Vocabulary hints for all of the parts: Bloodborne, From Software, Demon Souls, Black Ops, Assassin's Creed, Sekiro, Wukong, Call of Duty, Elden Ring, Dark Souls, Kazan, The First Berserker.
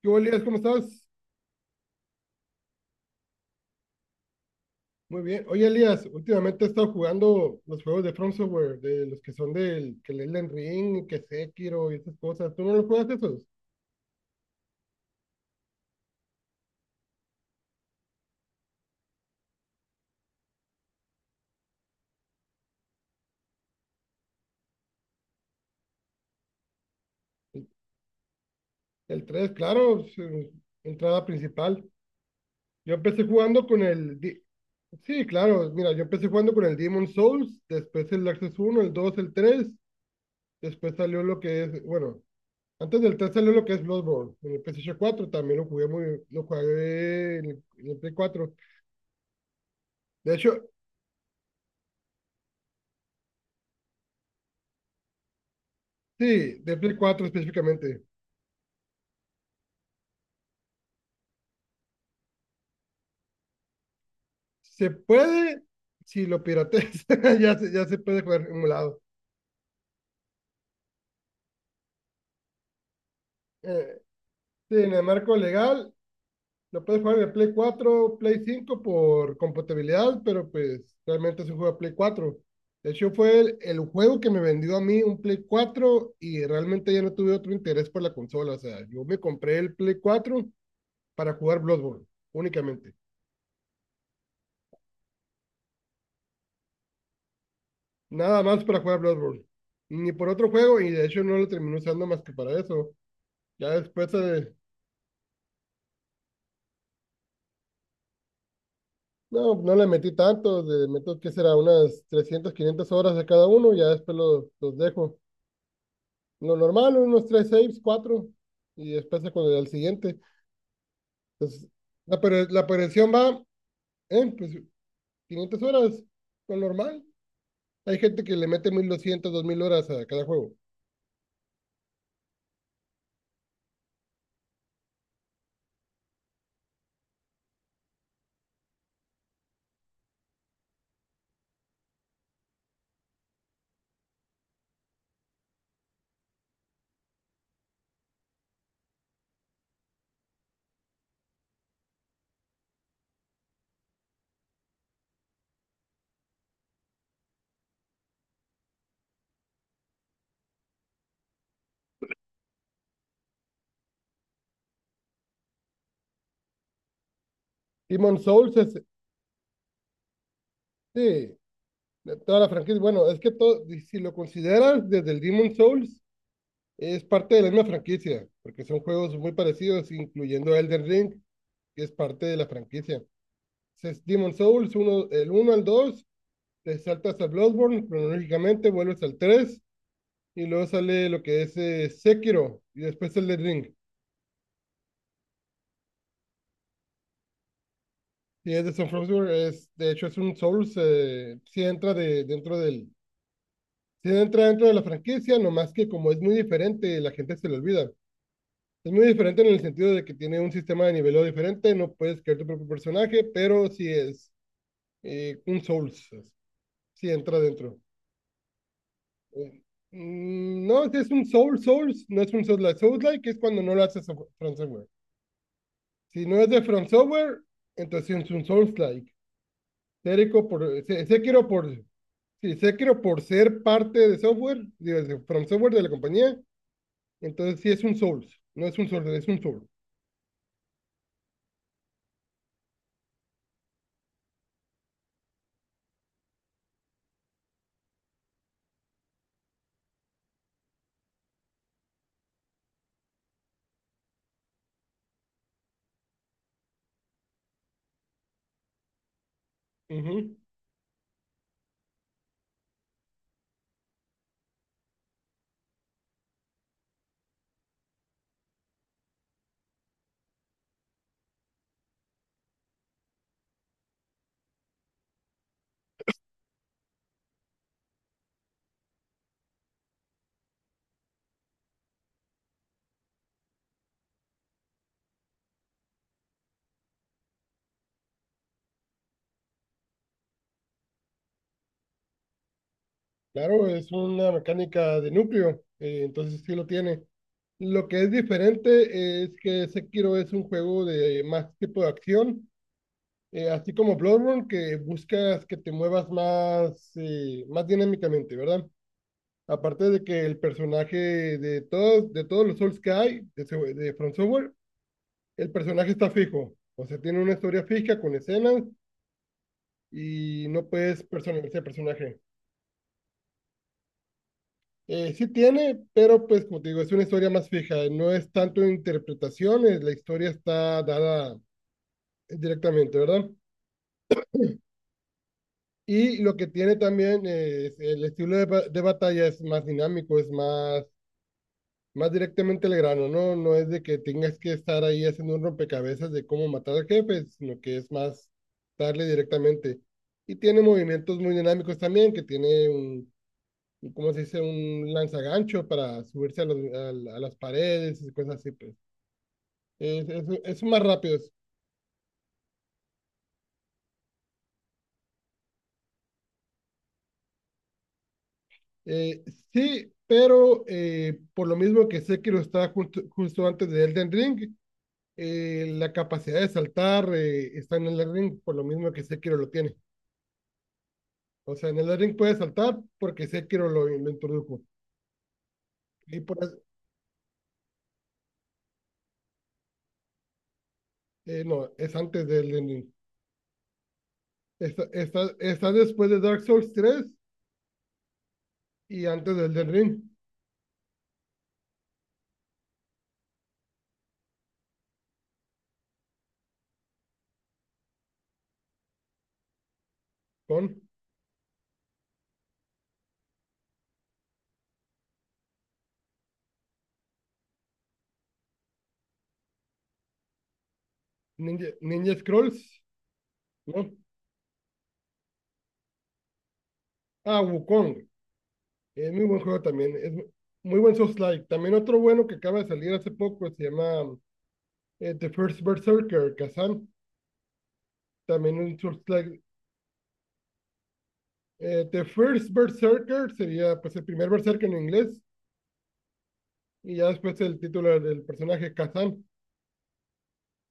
¿Qué hubo, Elías? ¿Cómo estás? Muy bien. Oye, Elías, últimamente he estado jugando los juegos de From Software, de los que son del que el Elden Ring, que Sekiro y esas cosas. ¿Tú no los juegas esos? El, el 3, claro, su entrada principal. Yo empecé jugando con el... Di- Sí, claro, mira, yo empecé jugando con el Demon Souls, después el Access uno, el 2, el 3, después salió lo que es, bueno, antes del 3 salió lo que es Bloodborne, en el PlayStation 4 también lo jugué muy, lo jugué en el Play 4. De hecho, sí, de Play 4 específicamente. Se puede, si lo pirateas, ya se puede jugar emulado. Eh, sí, en el marco legal, lo puedes jugar de Play 4, Play 5 por compatibilidad, pero pues realmente se juega Play 4. De hecho, fue el juego que me vendió a mí un Play 4 y realmente ya no tuve otro interés por la consola. O sea, yo me compré el Play 4 para jugar Bloodborne, únicamente. Nada más para jugar Bloodborne. Ni por otro juego, y de hecho no lo terminé usando más que para eso. Ya después, no le metí tanto, le meto, ¿qué será? Unas 300, 500 horas a cada uno, ya después los dejo. Lo normal, unos 3 saves, 4 y después se con el al siguiente. Entonces, la perdición va, pues 500 horas, lo normal. Hay gente que le mete 1200, 2000 horas a cada juego. Demon Souls es, sí, de toda la franquicia. Bueno, es que todo, si lo consideras desde el Demon Souls, es parte de la misma franquicia, porque son juegos muy parecidos, incluyendo Elden Ring, que es parte de la franquicia. Es Demon Souls, uno, el uno al dos, te saltas a Bloodborne, cronológicamente vuelves al 3 y luego sale lo que es Sekiro, y después el Elden Ring. Y es de Son Software, es, de hecho es un Souls, sí entra dentro de la franquicia, nomás que como es muy diferente, la gente se le olvida. Es muy diferente en el sentido de que tiene un sistema de niveleo diferente, no puedes crear tu propio personaje, pero sí es un Souls, pues, sí entra dentro. Eh, no, si es un Souls, no es un Souls-like. Souls-like es cuando no lo haces a From Software. Si no es de From Software, entonces sí es un Souls-like. Sekiro por, se- por, sí, Sekiro por ser parte de software, digo, de From Software de la compañía, entonces sí es un Souls, no es un Souls, es un Soul. Ujú. Claro, es una mecánica de núcleo, entonces sí lo tiene. Lo que es diferente es que Sekiro es un juego de más tipo de acción, así como Bloodborne, que buscas que te muevas más, más dinámicamente, ¿verdad? Aparte de que el personaje de todos los Souls que hay, de From Software, el personaje está fijo, o sea, tiene una historia fija con escenas y no puedes personalizar el personaje. Sí tiene, pero pues como te digo, es una historia más fija, no es tanto interpretaciones, la historia está dada directamente, ¿verdad? Y lo que tiene también, es el estilo de, de batalla, es más dinámico, es más, más directamente al grano, ¿no? No es de que tengas que estar ahí haciendo un rompecabezas de cómo matar al jefe, sino que es más darle directamente. Y tiene movimientos muy dinámicos también, que tiene ¿cómo se dice? Un lanzagancho para subirse a, a las paredes y cosas así, pues. Es más rápido. Eh, sí, pero por lo mismo que Sekiro está justo antes de Elden Ring, la capacidad de saltar, está en Elden Ring, por lo mismo que Sekiro lo tiene. O sea, en Elden Ring puede saltar porque Sekiro lo introdujo. Y por eso- no, es antes de Elden Ring. Está después de Dark Souls 3 y antes de Elden Ring, con Ninja Scrolls, ¿no? Ah, Wukong. Es muy buen juego también. Es muy buen Souls-like. También otro bueno que acaba de salir hace poco se llama The First Berserker, Kazan. También un Souls-like. The First Berserker sería pues el primer Berserker en inglés y ya después el título del personaje Kazan.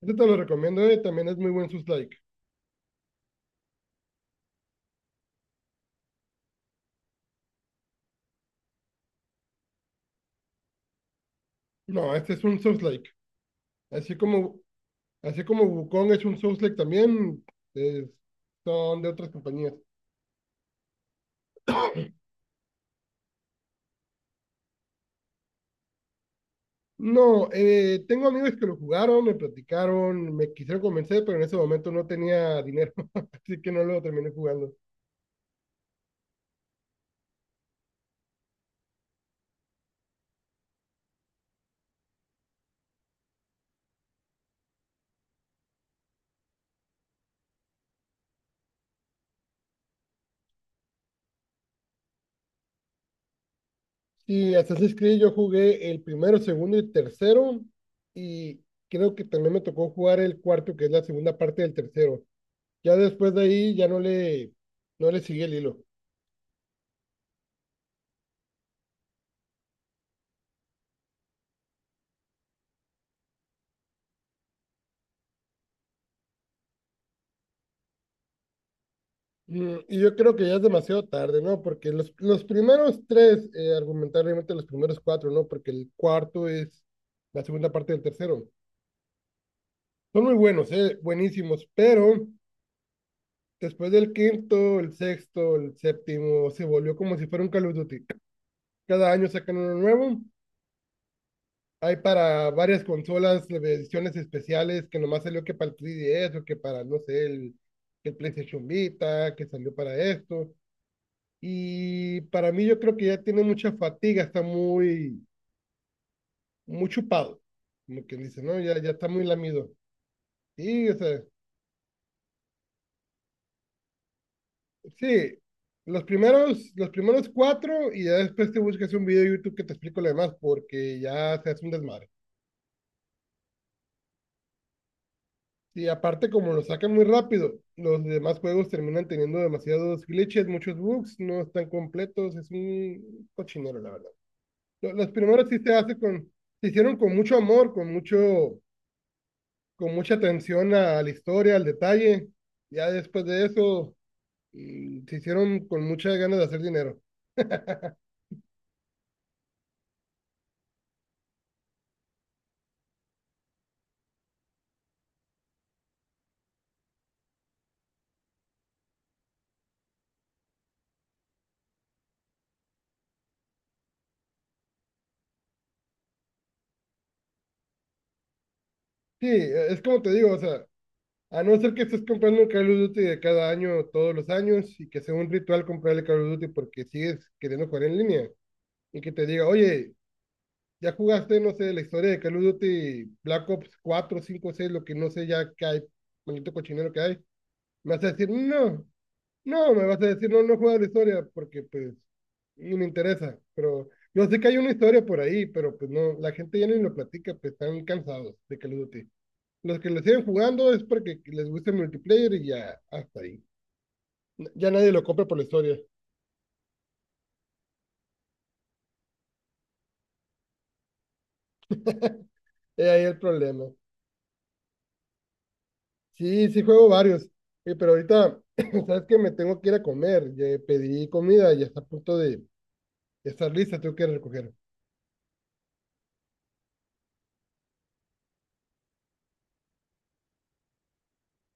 Este te lo recomiendo, también es muy buen Souls-like. No, este es un Souls-like. Así como, así como Wukong es un Souls-like también, es- son de otras compañías. No, tengo amigos que lo jugaron, me platicaron, me quisieron convencer, pero en ese momento no tenía dinero, así que no lo terminé jugando. Y Assassin's Creed yo jugué el primero, segundo y tercero, y creo que también me tocó jugar el cuarto, que es la segunda parte del tercero. Ya después de ahí ya no le seguí el hilo. Mm, y yo creo que ya es demasiado tarde, ¿no? Porque los primeros tres, argumentablemente los primeros cuatro, ¿no? Porque el cuarto es la segunda parte del tercero. Son muy buenos, buenísimos, pero después del quinto, el sexto, el séptimo, se volvió como si fuera un Call of Duty. Cada año sacan uno nuevo. Hay para varias consolas ediciones especiales que nomás salió que para el 3DS o que para, no sé, el PlayStation Vita, que salió para esto. Y para mí yo creo que ya tiene mucha fatiga, está muy, muy chupado, como quien dice, ¿no? Ya está muy lamido. Sí, o sea, sí, los primeros cuatro y ya después te buscas un video de YouTube que te explico lo demás porque ya se hace un desmadre. Y aparte como lo sacan muy rápido, los demás juegos terminan teniendo demasiados glitches, muchos bugs, no están completos, es un cochinero la verdad. Los primeros sí se hicieron con mucho amor, con mucho, con mucha atención a la historia, al detalle. Ya después de eso, mm, se hicieron con muchas ganas de hacer dinero. Sí, es como te digo, o sea, a no ser que estés comprando un Call of Duty de cada año, todos los años, y que sea un ritual comprarle Call of Duty porque sigues queriendo jugar en línea, y que te diga, oye, ya jugaste, no sé, la historia de Call of Duty, Black Ops 4, 5, 6, lo que no sé ya que hay, maldito cochinero que hay, me vas a decir, no, no, me vas a decir, no, no juegas la historia porque pues ni me interesa, pero yo sé que hay una historia por ahí, pero pues no, la gente ya ni lo platica, pues están cansados de Call of Duty. Los que lo siguen jugando es porque les gusta el multiplayer y ya hasta ahí. Ya nadie lo compra por la historia. Es ahí el problema. Sí, sí juego varios. Pero ahorita, sabes que me tengo que ir a comer. Ya pedí comida, ya está a punto de ya estar lista. Tengo que ir a recoger.